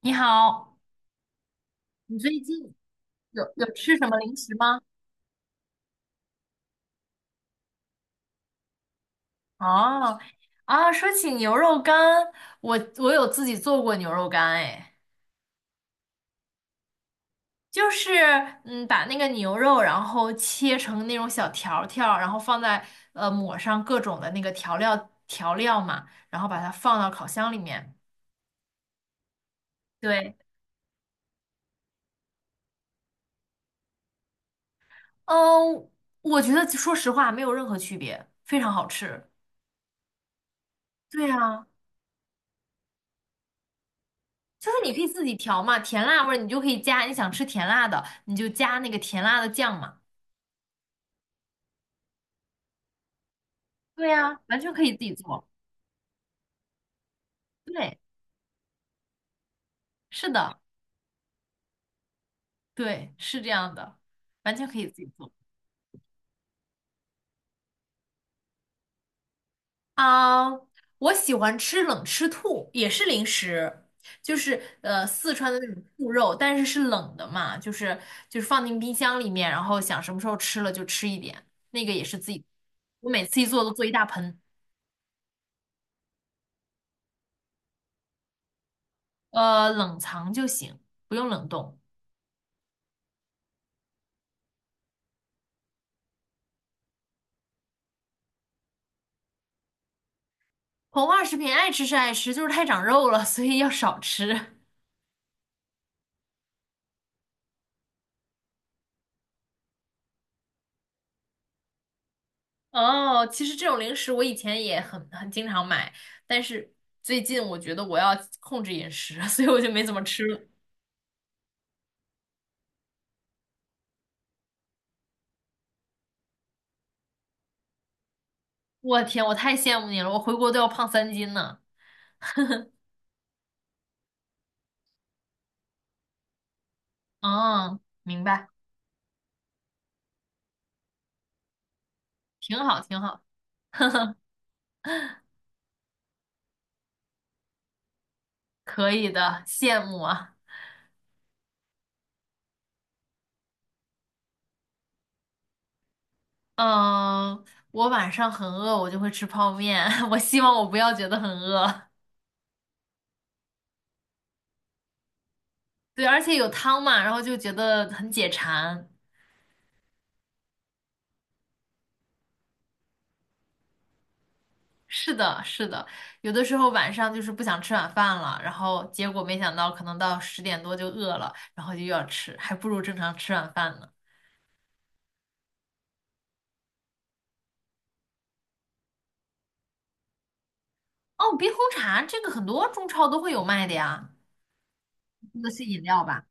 你好，你最近有吃什么零食吗？哦，啊，说起牛肉干，我有自己做过牛肉干，哎，就是把那个牛肉然后切成那种小条儿然后放在抹上各种的那个调料嘛，然后把它放到烤箱里面。对，嗯，我觉得说实话没有任何区别，非常好吃。对呀，就是你可以自己调嘛，甜辣味儿你就可以加，你想吃甜辣的，你就加那个甜辣的酱嘛。对呀，完全可以自己做。对，是的，对，是这样的，完全可以自己做。啊，我喜欢吃冷吃兔，也是零食，就是四川的那种兔肉，但是是冷的嘛，就是放进冰箱里面，然后想什么时候吃了就吃一点，那个也是自己，我每次一做都做一大盆，冷藏就行，不用冷冻。膨化食品爱吃是爱吃，就是太长肉了，所以要少吃。哦，其实这种零食我以前也很经常买，但是最近我觉得我要控制饮食，所以我就没怎么吃了。我天，我太羡慕你了，我回国都要胖3斤呢。嗯，明白，挺好，挺好，可以的，羡慕啊。嗯，我晚上很饿，我就会吃泡面。我希望我不要觉得很饿。对，而且有汤嘛，然后就觉得很解馋。是的，是的，有的时候晚上就是不想吃晚饭了，然后结果没想到可能到10点多就饿了，然后就又要吃，还不如正常吃晚饭呢。哦，冰红茶这个很多中超都会有卖的呀，那个是饮料吧？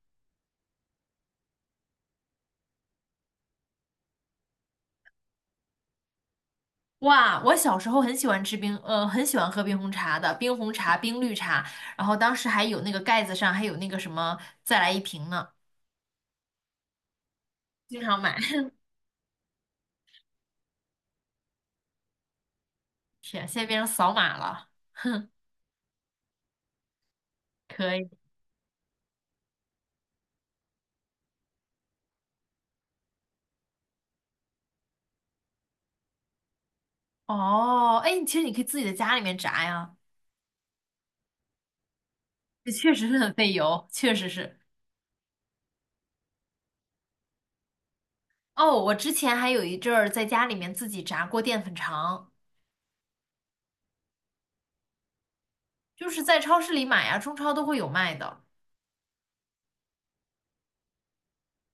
哇，我小时候很喜欢吃冰，很喜欢喝冰红茶的，冰红茶、冰绿茶，然后当时还有那个盖子上还有那个什么再来一瓶呢，经常买。天，现在变成扫码了，可以。哦，哎，其实你可以自己在家里面炸呀。这确实是很费油，确实是。哦，我之前还有一阵儿在家里面自己炸过淀粉肠，就是在超市里买呀，中超都会有卖的。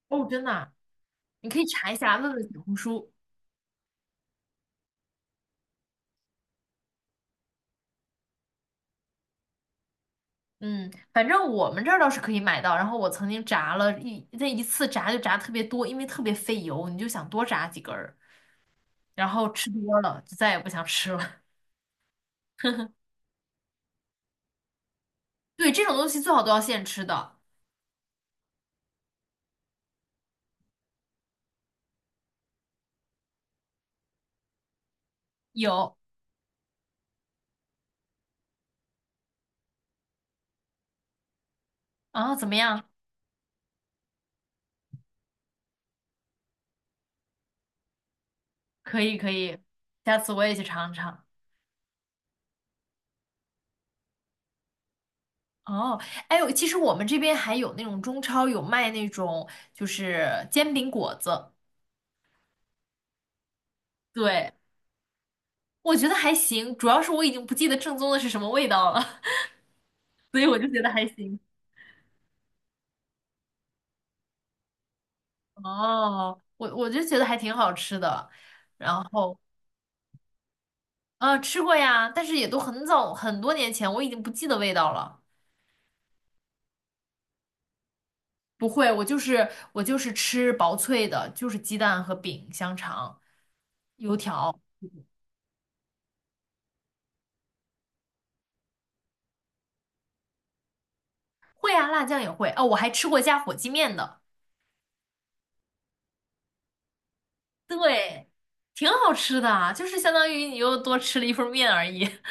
哦，真的啊，你可以查一下，问问小红书。嗯，反正我们这儿倒是可以买到。然后我曾经炸了一那一次炸就炸特别多，因为特别费油，你就想多炸几根儿，然后吃多了就再也不想吃了。对，这种东西最好都要现吃的。有啊，怎么样？可以可以，下次我也去尝尝。哦，哎呦，其实我们这边还有那种中超有卖那种就是煎饼果子，对，我觉得还行，主要是我已经不记得正宗的是什么味道了，所以我就觉得还行。哦，我就觉得还挺好吃的，然后吃过呀，但是也都很早很多年前，我已经不记得味道了。不会，我就是吃薄脆的，就是鸡蛋和饼、香肠、油条。会啊，辣酱也会。哦，我还吃过加火鸡面的。对，挺好吃的啊就是相当于你又多吃了一份面而已。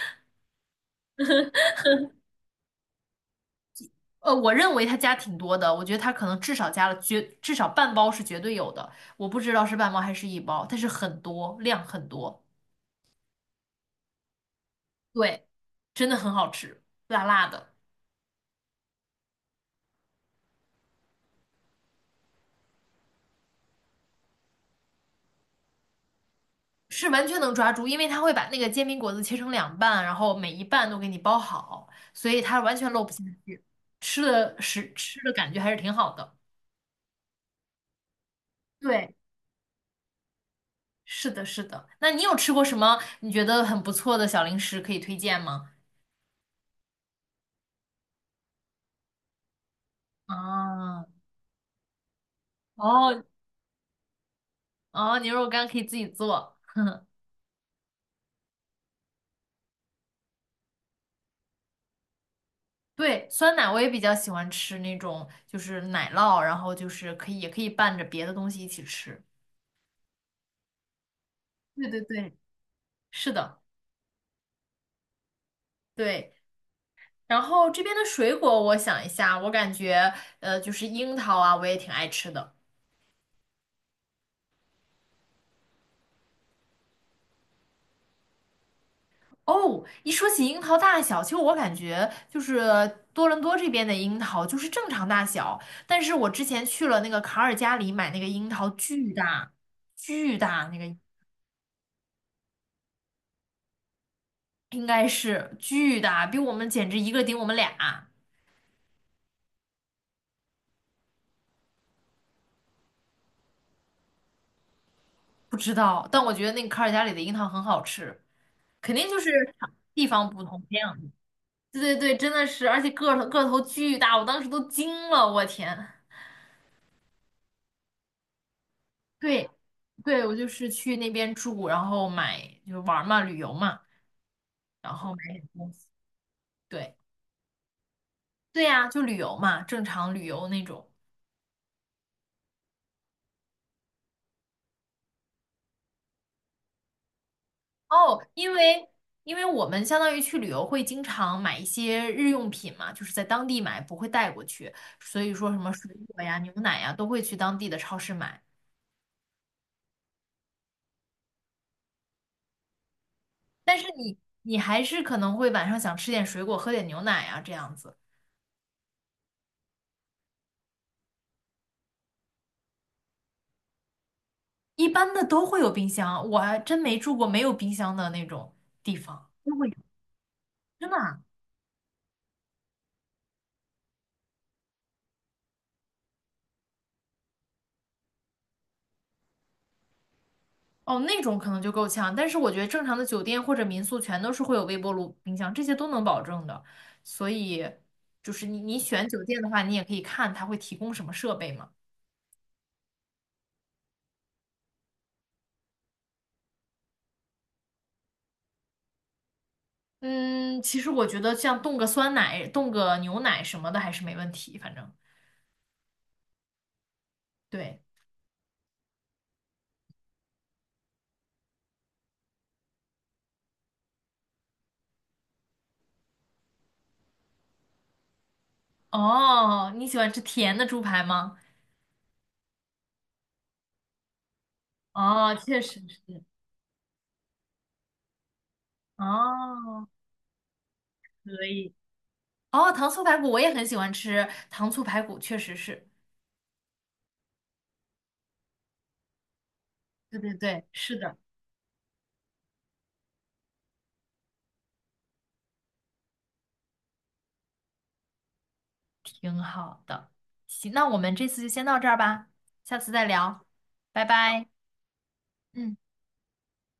呃，我认为他加挺多的，我觉得他可能至少加了绝，至少半包是绝对有的，我不知道是半包还是一包，但是很多，量很多，对，真的很好吃，辣辣的，是完全能抓住，因为他会把那个煎饼果子切成两半，然后每一半都给你包好，所以它完全漏不进去，吃的是吃的感觉还是挺好的。对。是的，是的。那你有吃过什么你觉得很不错的小零食可以推荐吗？啊，哦哦，牛肉干可以自己做。对，酸奶我也比较喜欢吃那种，就是奶酪，然后就是可以也可以拌着别的东西一起吃。对对对，是的，对。然后这边的水果，我想一下，我感觉就是樱桃啊，我也挺爱吃的。哦，一说起樱桃大小，其实我感觉就是多伦多这边的樱桃就是正常大小，但是我之前去了那个卡尔加里买那个樱桃，巨大，巨大，那个应该是巨大，比我们简直一个顶我们俩，不知道，但我觉得那个卡尔加里的樱桃很好吃，肯定就是地方不同这样，培养对对对，真的是，而且个头巨大，我当时都惊了，我天。对，对，我就是去那边住，然后买就是玩儿嘛，旅游嘛，然后买点东西。对，对呀，就旅游嘛，正常旅游那种。哦，因为我们相当于去旅游会经常买一些日用品嘛，就是在当地买，不会带过去，所以说什么水果呀、牛奶呀都会去当地的超市买。但是你还是可能会晚上想吃点水果，喝点牛奶啊这样子，一般的都会有冰箱，我还真没住过没有冰箱的那种地方。真的啊，哦，那种可能就够呛，但是我觉得正常的酒店或者民宿全都是会有微波炉、冰箱，这些都能保证的。所以，就是你选酒店的话，你也可以看它会提供什么设备嘛。嗯，其实我觉得像冻个酸奶、冻个牛奶什么的还是没问题，反正对。哦，你喜欢吃甜的猪排吗？哦，确实是。哦，可以。哦，糖醋排骨我也很喜欢吃，糖醋排骨确实是。对对对，是的。挺好的。行，那我们这次就先到这儿吧，下次再聊，拜拜。嗯。